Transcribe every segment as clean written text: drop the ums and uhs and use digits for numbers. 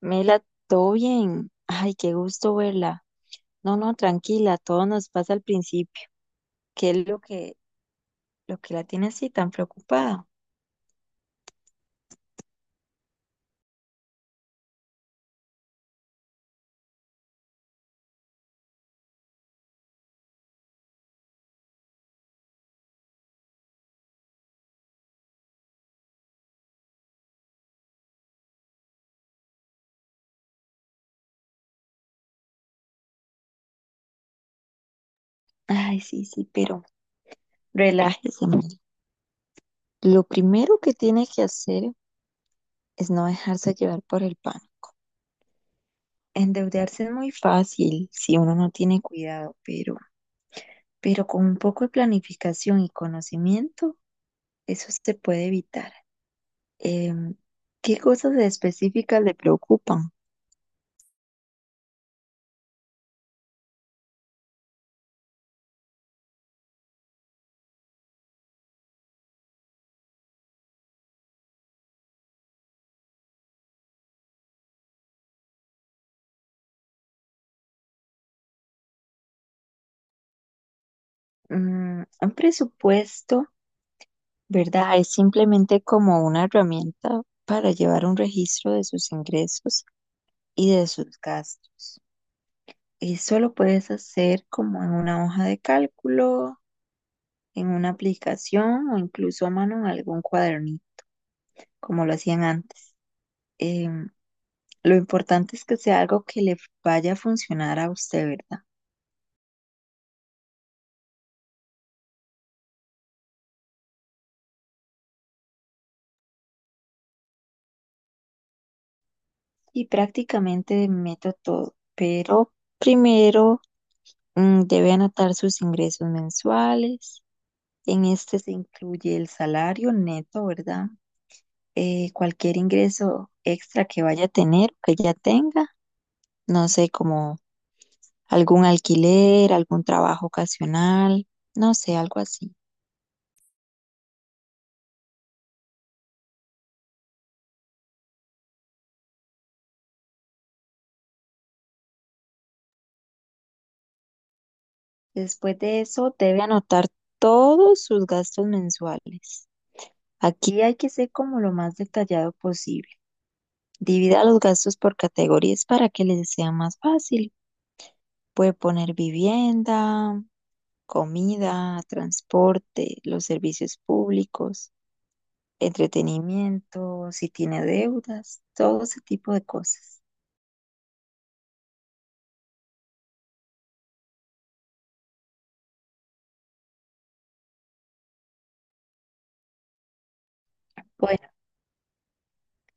Mela, todo bien. Ay, qué gusto verla. No, no, tranquila, todo nos pasa al principio. ¿Qué es lo que la tiene así tan preocupada? Ay, sí, sí, pero relájese, Mela. Lo primero que tiene que hacer es no dejarse llevar por el pan. Endeudarse es muy fácil si uno no tiene cuidado, pero con un poco de planificación y conocimiento, eso se puede evitar. Em, ¿Qué cosas específicas le preocupan? Un presupuesto, ¿verdad? Es simplemente como una herramienta para llevar un registro de sus ingresos y de sus gastos. Eso lo puedes hacer como en una hoja de cálculo, en una aplicación o incluso a mano en algún cuadernito, como lo hacían antes. Em, lo importante es que sea algo que le vaya a funcionar a usted, ¿verdad? Y prácticamente meto todo, pero primero debe anotar sus ingresos mensuales. En este se incluye el salario neto, ¿verdad? Cualquier ingreso extra que vaya a tener, que ya tenga, no sé, como algún alquiler, algún trabajo ocasional, no sé, algo así. Después de eso, debe anotar todos sus gastos mensuales. Aquí hay que ser como lo más detallado posible. Divida los gastos por categorías para que les sea más fácil. Puede poner vivienda, comida, transporte, los servicios públicos, entretenimiento, si tiene deudas, todo ese tipo de cosas. Bueno,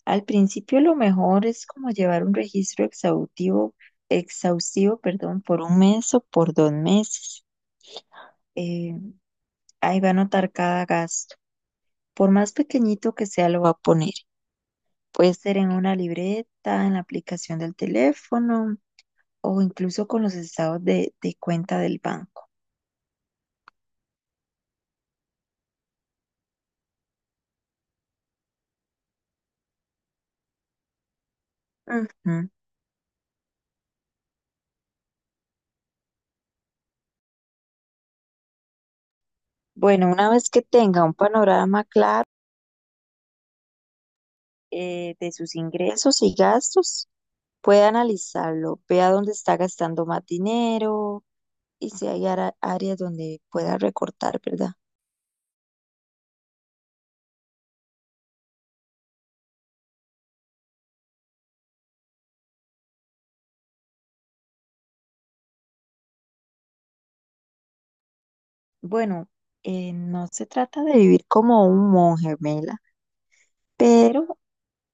al principio lo mejor es como llevar un registro perdón, por un mes o por dos meses. Eh, Ahí va a anotar cada gasto. Por más pequeñito que sea, lo va a poner. Puede ser en una libreta, en la aplicación del teléfono o incluso con los estados de cuenta del banco. Ujú. Bueno, una vez que tenga un panorama claro de sus ingresos y gastos, puede analizarlo, vea dónde está gastando más dinero y si hay áreas donde pueda recortar, ¿verdad? Bueno, no se trata de vivir como un monje, Mela, pero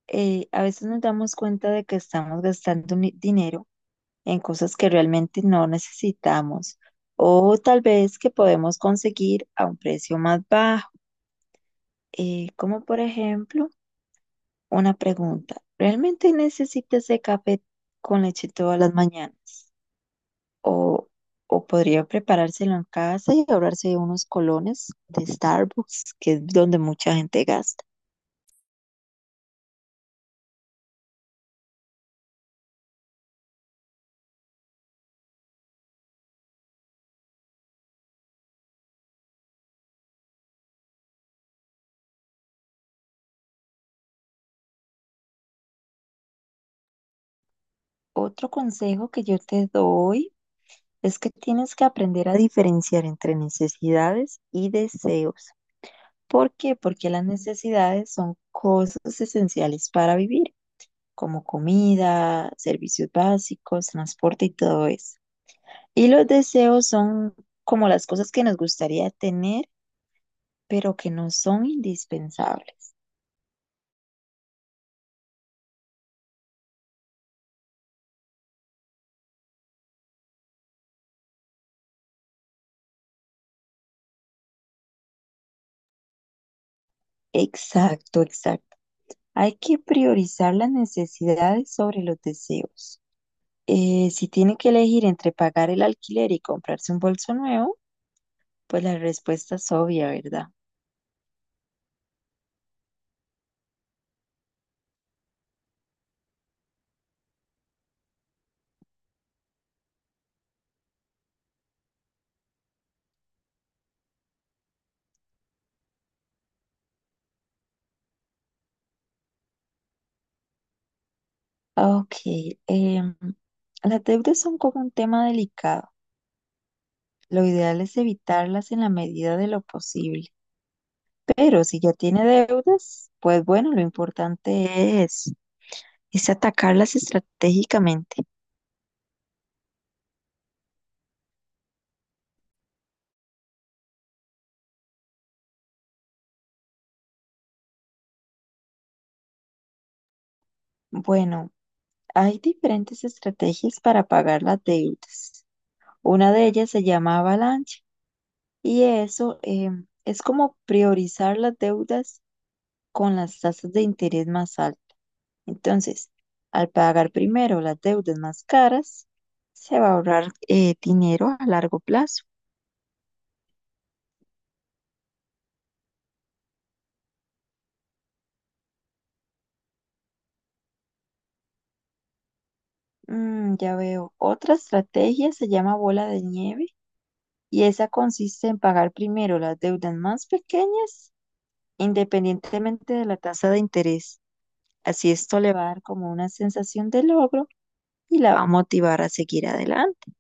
a veces nos damos cuenta de que estamos gastando dinero en cosas que realmente no necesitamos o tal vez que podemos conseguir a un precio más bajo, como por ejemplo. Una pregunta, ¿realmente necesita ese café con leche todas las mañanas? ¿O, o podría preparárselo en casa y ahorrarse de unos colones de Starbucks, que es donde mucha gente gasta? Otro consejo que yo te doy es que tienes que aprender a diferenciar entre necesidades y deseos. ¿Por qué? Porque las necesidades son cosas esenciales para vivir, como comida, servicios básicos, transporte y todo eso. Y los deseos son como las cosas que nos gustaría tener, pero que no son indispensables. Exacto, exacto. Hay que priorizar las necesidades sobre los deseos. Si tiene que elegir entre pagar el alquiler y comprarse un bolso nuevo, pues la respuesta es obvia, ¿verdad? Ok, em, las deudas son como un tema delicado. Lo ideal es evitarlas en la medida de lo posible. Pero si ya tiene deudas, pues bueno, lo importante es atacarlas estratégicamente. Bueno, hay diferentes estrategias para pagar las deudas. Una de ellas se llama avalancha y eso es como priorizar las deudas con las tasas de interés más altas. Entonces, al pagar primero las deudas más caras, se va a ahorrar dinero a largo plazo. Mm, ya veo. Otra estrategia se llama bola de nieve y esa consiste en pagar primero las deudas más pequeñas independientemente de la tasa de interés. Así esto le va a dar como una sensación de logro y la va a motivar a seguir adelante.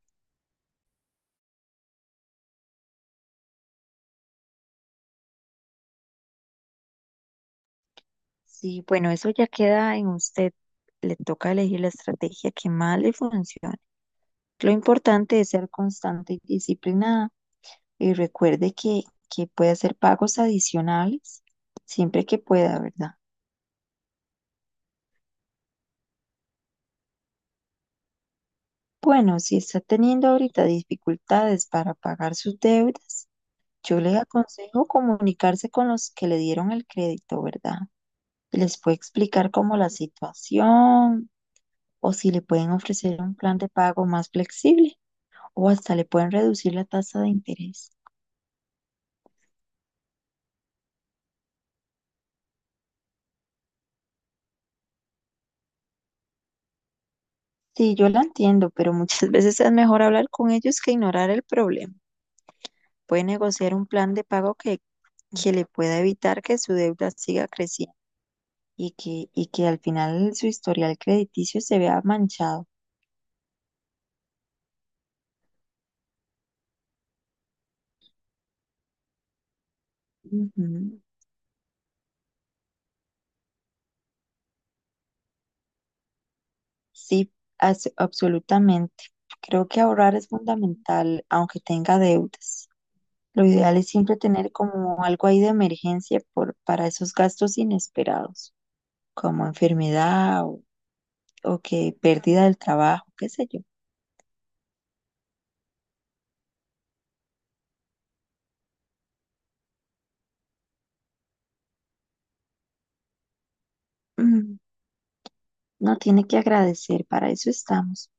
Sí, bueno, eso ya queda en usted. Le toca elegir la estrategia que más le funcione. Lo importante es ser constante y disciplinada y recuerde que puede hacer pagos adicionales siempre que pueda, ¿verdad? Bueno, si está teniendo ahorita dificultades para pagar sus deudas, yo les aconsejo comunicarse con los que le dieron el crédito, ¿verdad? Les puede explicar cómo la situación o si le pueden ofrecer un plan de pago más flexible o hasta le pueden reducir la tasa de interés. Sí, yo la entiendo, pero muchas veces es mejor hablar con ellos que ignorar el problema. Puede negociar un plan de pago que le pueda evitar que su deuda siga creciendo y que al final su historial crediticio se vea manchado. Ujú. Sí, absolutamente. Creo que ahorrar es fundamental, aunque tenga deudas. Lo ideal es siempre tener como algo ahí de emergencia para esos gastos inesperados, como enfermedad o que pérdida del trabajo, qué sé yo. Mm, no tiene que agradecer, para eso estamos.